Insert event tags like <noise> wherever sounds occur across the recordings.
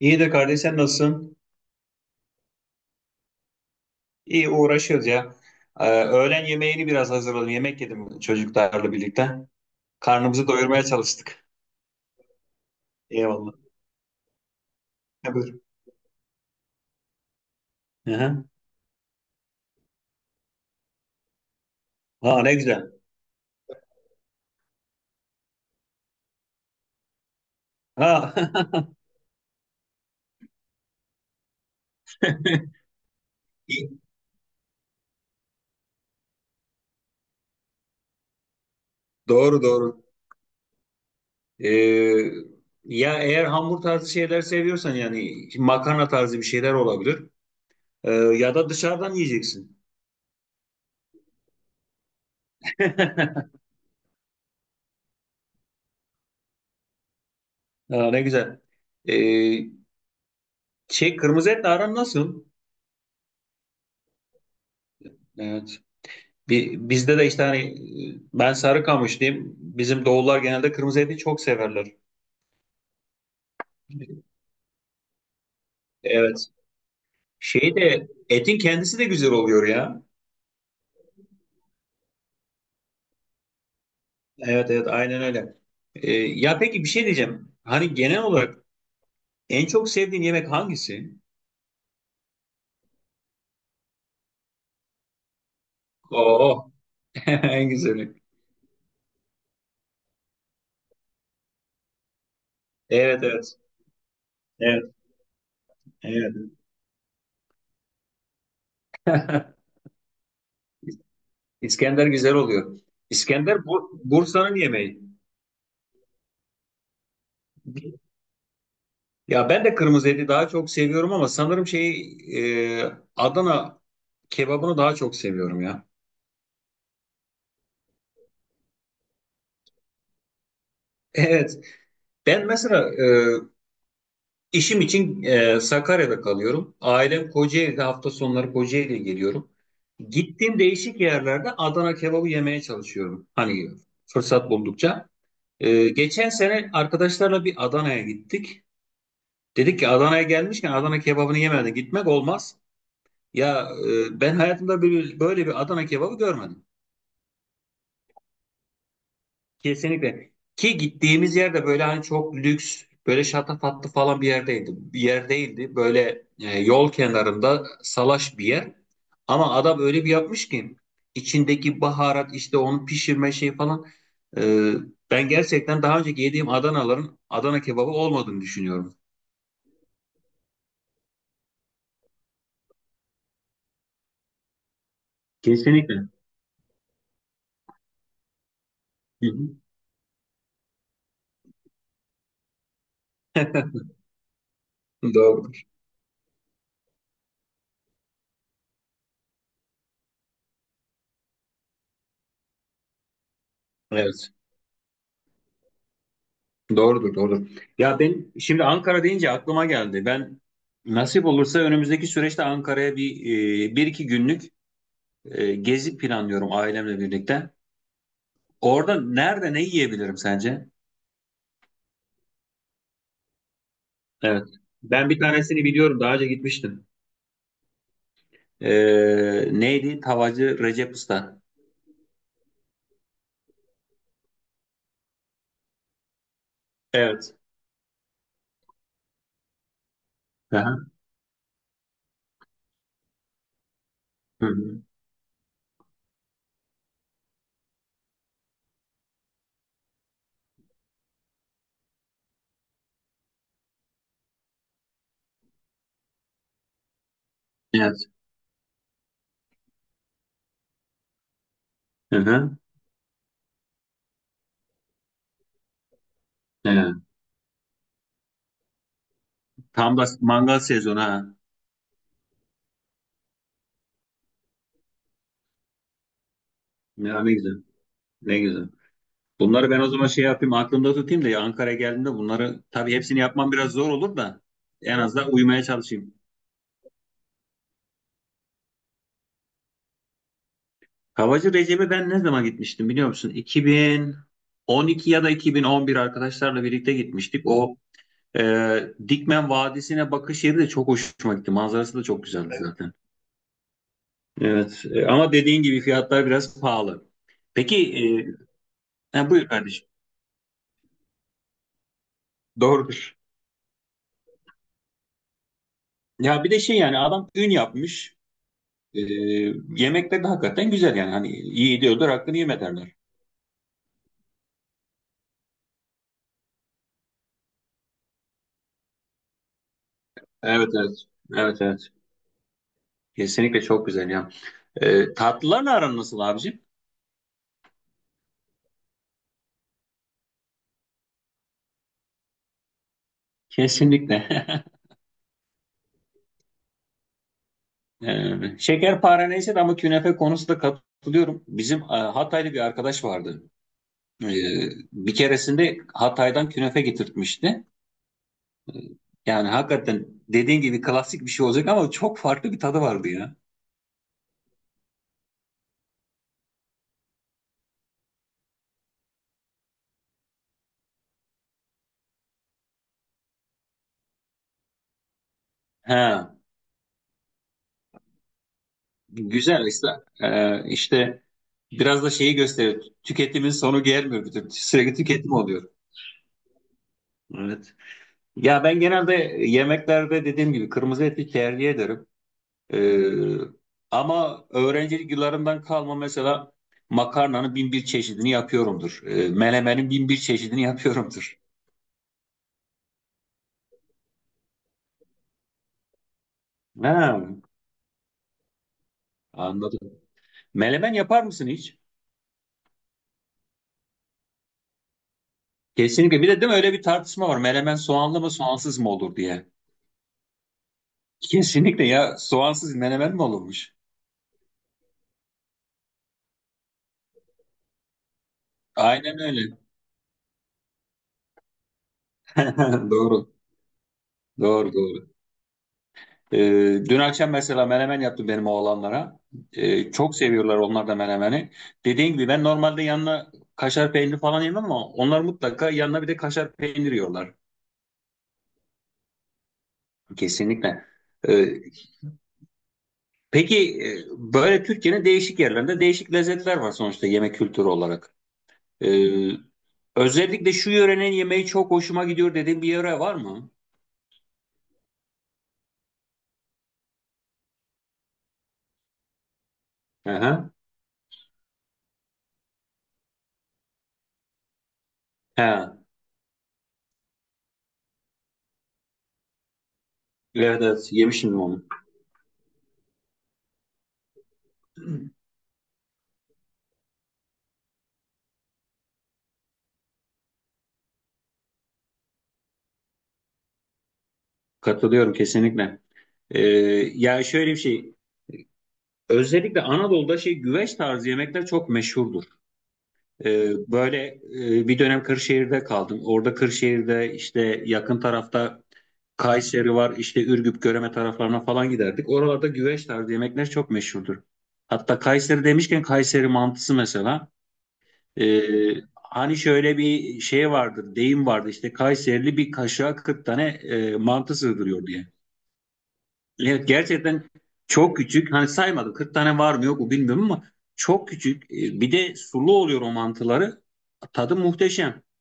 İyidir kardeş sen nasılsın? İyi uğraşıyoruz ya. Öğlen yemeğini biraz hazırladım. Yemek yedim çocuklarla birlikte. Karnımızı doyurmaya çalıştık. Eyvallah. Ha, buyur. Aha. Ha, ne güzel. Ha. <laughs> İyi. Doğru doğru. Ee, ya eğer hamur tarzı şeyler seviyorsan yani makarna tarzı bir şeyler olabilir. Ya da dışarıdan yiyeceksin. <laughs> Ha, ne güzel. Ee, şey kırmızı etle aran nasıl? Evet. Bizde de işte hani ben Sarıkamışlıyım. Bizim doğullar genelde kırmızı eti çok severler. Evet. Şey de etin kendisi de güzel oluyor ya. Evet evet aynen öyle. Ya peki bir şey diyeceğim. Hani genel olarak en çok sevdiğin yemek hangisi? Oo. <laughs> En güzeli. Evet evet. Evet evet. İskender güzel oluyor. İskender Bursa'nın yemeği. Ya ben de kırmızı eti daha çok seviyorum ama sanırım şey Adana kebabını daha çok seviyorum ya. <laughs> Evet. Ben mesela işim için Sakarya'da kalıyorum. Ailem Kocaeli'de hafta sonları Kocaeli'ye geliyorum. Gittiğim değişik yerlerde Adana kebabı yemeye çalışıyorum. Hani fırsat buldukça. Geçen sene arkadaşlarla bir Adana'ya gittik. Dedik ki Adana'ya gelmişken Adana kebabını yemeden gitmek olmaz. Ya ben hayatımda böyle bir Adana kebabı görmedim. Kesinlikle. Ki gittiğimiz yerde böyle hani çok lüks, böyle şatafatlı falan bir yerdeydi. Bir yer değildi. Böyle yol kenarında salaş bir yer. Ama adam öyle bir yapmış ki içindeki baharat işte onu pişirme şey falan. E, ben gerçekten daha önceki yediğim Adanaların Adana kebabı olmadığını düşünüyorum. Kesinlikle. Hı hı. Doğrudur. Evet. Doğrudur, doğrudur. Ya ben şimdi Ankara deyince aklıma geldi. Ben nasip olursa önümüzdeki süreçte Ankara'ya bir bir iki günlük gezi planlıyorum ailemle birlikte. Orada nerede ne yiyebilirim sence? Evet. Ben bir tanesini biliyorum. Daha önce gitmiştim. Neydi? Tavacı Recep Usta. Evet. Aha. Hı hı. Evet. Hı hı. Evet. Tam da mangal sezonu ha. Ya ne güzel. Ne güzel. Bunları ben o zaman şey yapayım aklımda tutayım da ya Ankara'ya geldiğimde bunları tabii hepsini yapmam biraz zor olur da en azından uymaya çalışayım. Havacı Recep'e ben ne zaman gitmiştim biliyor musun? 2012 ya da 2011 arkadaşlarla birlikte gitmiştik. O e, Dikmen Vadisi'ne bakış yeri de çok hoşuma gitti. Manzarası da çok güzeldi zaten. Evet ama dediğin gibi fiyatlar biraz pahalı. Peki ha, buyur kardeşim. Doğrudur. Ya bir de şey yani adam ün yapmış. E, yemekleri de hakikaten güzel yani. Hani iyi ediyordur hakkını yeme derler. Evet evet. Evet evet. Kesinlikle çok güzel ya. Tatlılarla aran nasıl abicim? Kesinlikle. <laughs> E, şekerpare neyse de ama künefe konusunda katılıyorum. Bizim Hataylı bir arkadaş vardı. E, bir keresinde Hatay'dan künefe getirtmişti. Yani hakikaten dediğin gibi klasik bir şey olacak ama çok farklı bir tadı vardı ya. He. Güzel işte. Biraz da şeyi gösteriyor. Tüketimin sonu gelmiyor bir türlü. Sürekli tüketim oluyor. Evet. Ya ben genelde yemeklerde dediğim gibi kırmızı eti tercih ederim. Ee, ama öğrencilik yıllarımdan kalma mesela makarnanın bin bir çeşidini yapıyorumdur. Melemenin bin bir çeşidini yapıyorumdur. Ha, anladım. Melemen yapar mısın hiç? Kesinlikle. Bir de değil mi öyle bir tartışma var. Melemen soğanlı mı soğansız mı olur diye. Kesinlikle ya soğansız menemen mi olurmuş? Aynen öyle. <laughs> Doğru. Doğru doğru. Ee, dün akşam mesela menemen yaptım benim oğlanlara. Çok seviyorlar onlar da menemeni. Dediğim gibi ben normalde yanına kaşar peyniri falan yemem ama onlar mutlaka yanına bir de kaşar peynir yiyorlar. Kesinlikle. Ee, peki e, böyle Türkiye'nin değişik yerlerinde değişik lezzetler var sonuçta yemek kültürü olarak. Ee, özellikle şu yörenin yemeği çok hoşuma gidiyor dediğin bir yere var mı? Aha. He. Evet, evet. Yemişim onu. Katılıyorum kesinlikle. Ee, ya şöyle bir şey, özellikle Anadolu'da şey güveç tarzı yemekler çok meşhurdur. Böyle bir dönem Kırşehir'de kaldım. Orada Kırşehir'de işte yakın tarafta Kayseri var, işte Ürgüp, Göreme taraflarına falan giderdik. Oralarda güveç tarzı yemekler çok meşhurdur. Hatta Kayseri demişken Kayseri mantısı mesela. Ee, hani şöyle bir şey vardır, deyim vardı işte Kayserili bir kaşığa 40 tane mantı sığdırıyor diye. Evet gerçekten çok küçük. Hani saymadım 40 tane var mı yok mu bilmiyorum ama çok küçük. Bir de sulu oluyor o mantıları. Tadı muhteşem. <laughs>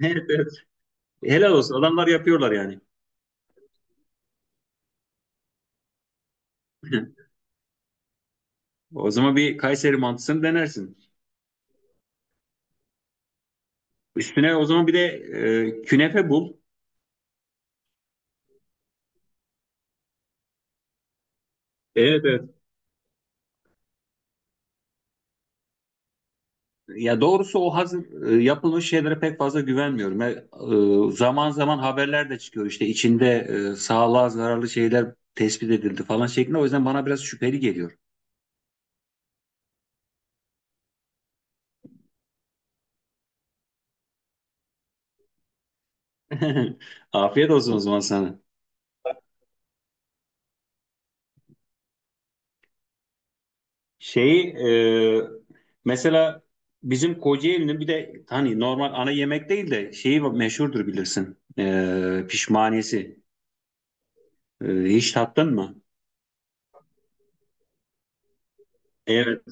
Evet, evet. Helal olsun. Adamlar yapıyorlar yani. <laughs> O zaman bir Kayseri mantısını denersin. Üstüne o zaman bir de künefe bul. Evet, evet. Ya doğrusu o hazır yapılmış şeylere pek fazla güvenmiyorum. Zaman zaman haberler de çıkıyor işte içinde sağlığa zararlı şeyler tespit edildi falan şeklinde. O yüzden bana biraz şüpheli geliyor. <laughs> Afiyet olsun o zaman sana. Şeyi mesela bizim Kocaeli'nin bir de hani normal ana yemek değil de şeyi meşhurdur bilirsin. E, pişmaniyesi. Hiç tattın mı? Evet.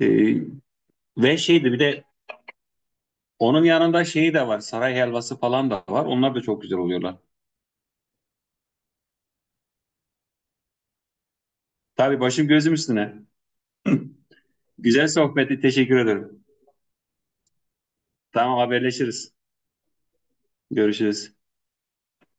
E, ve şeydi bir de onun yanında şeyi de var. Saray helvası falan da var. Onlar da çok güzel oluyorlar. Tabii başım gözüm üstüne. Güzel sohbeti. Teşekkür ederim. Tamam haberleşiriz. Görüşürüz.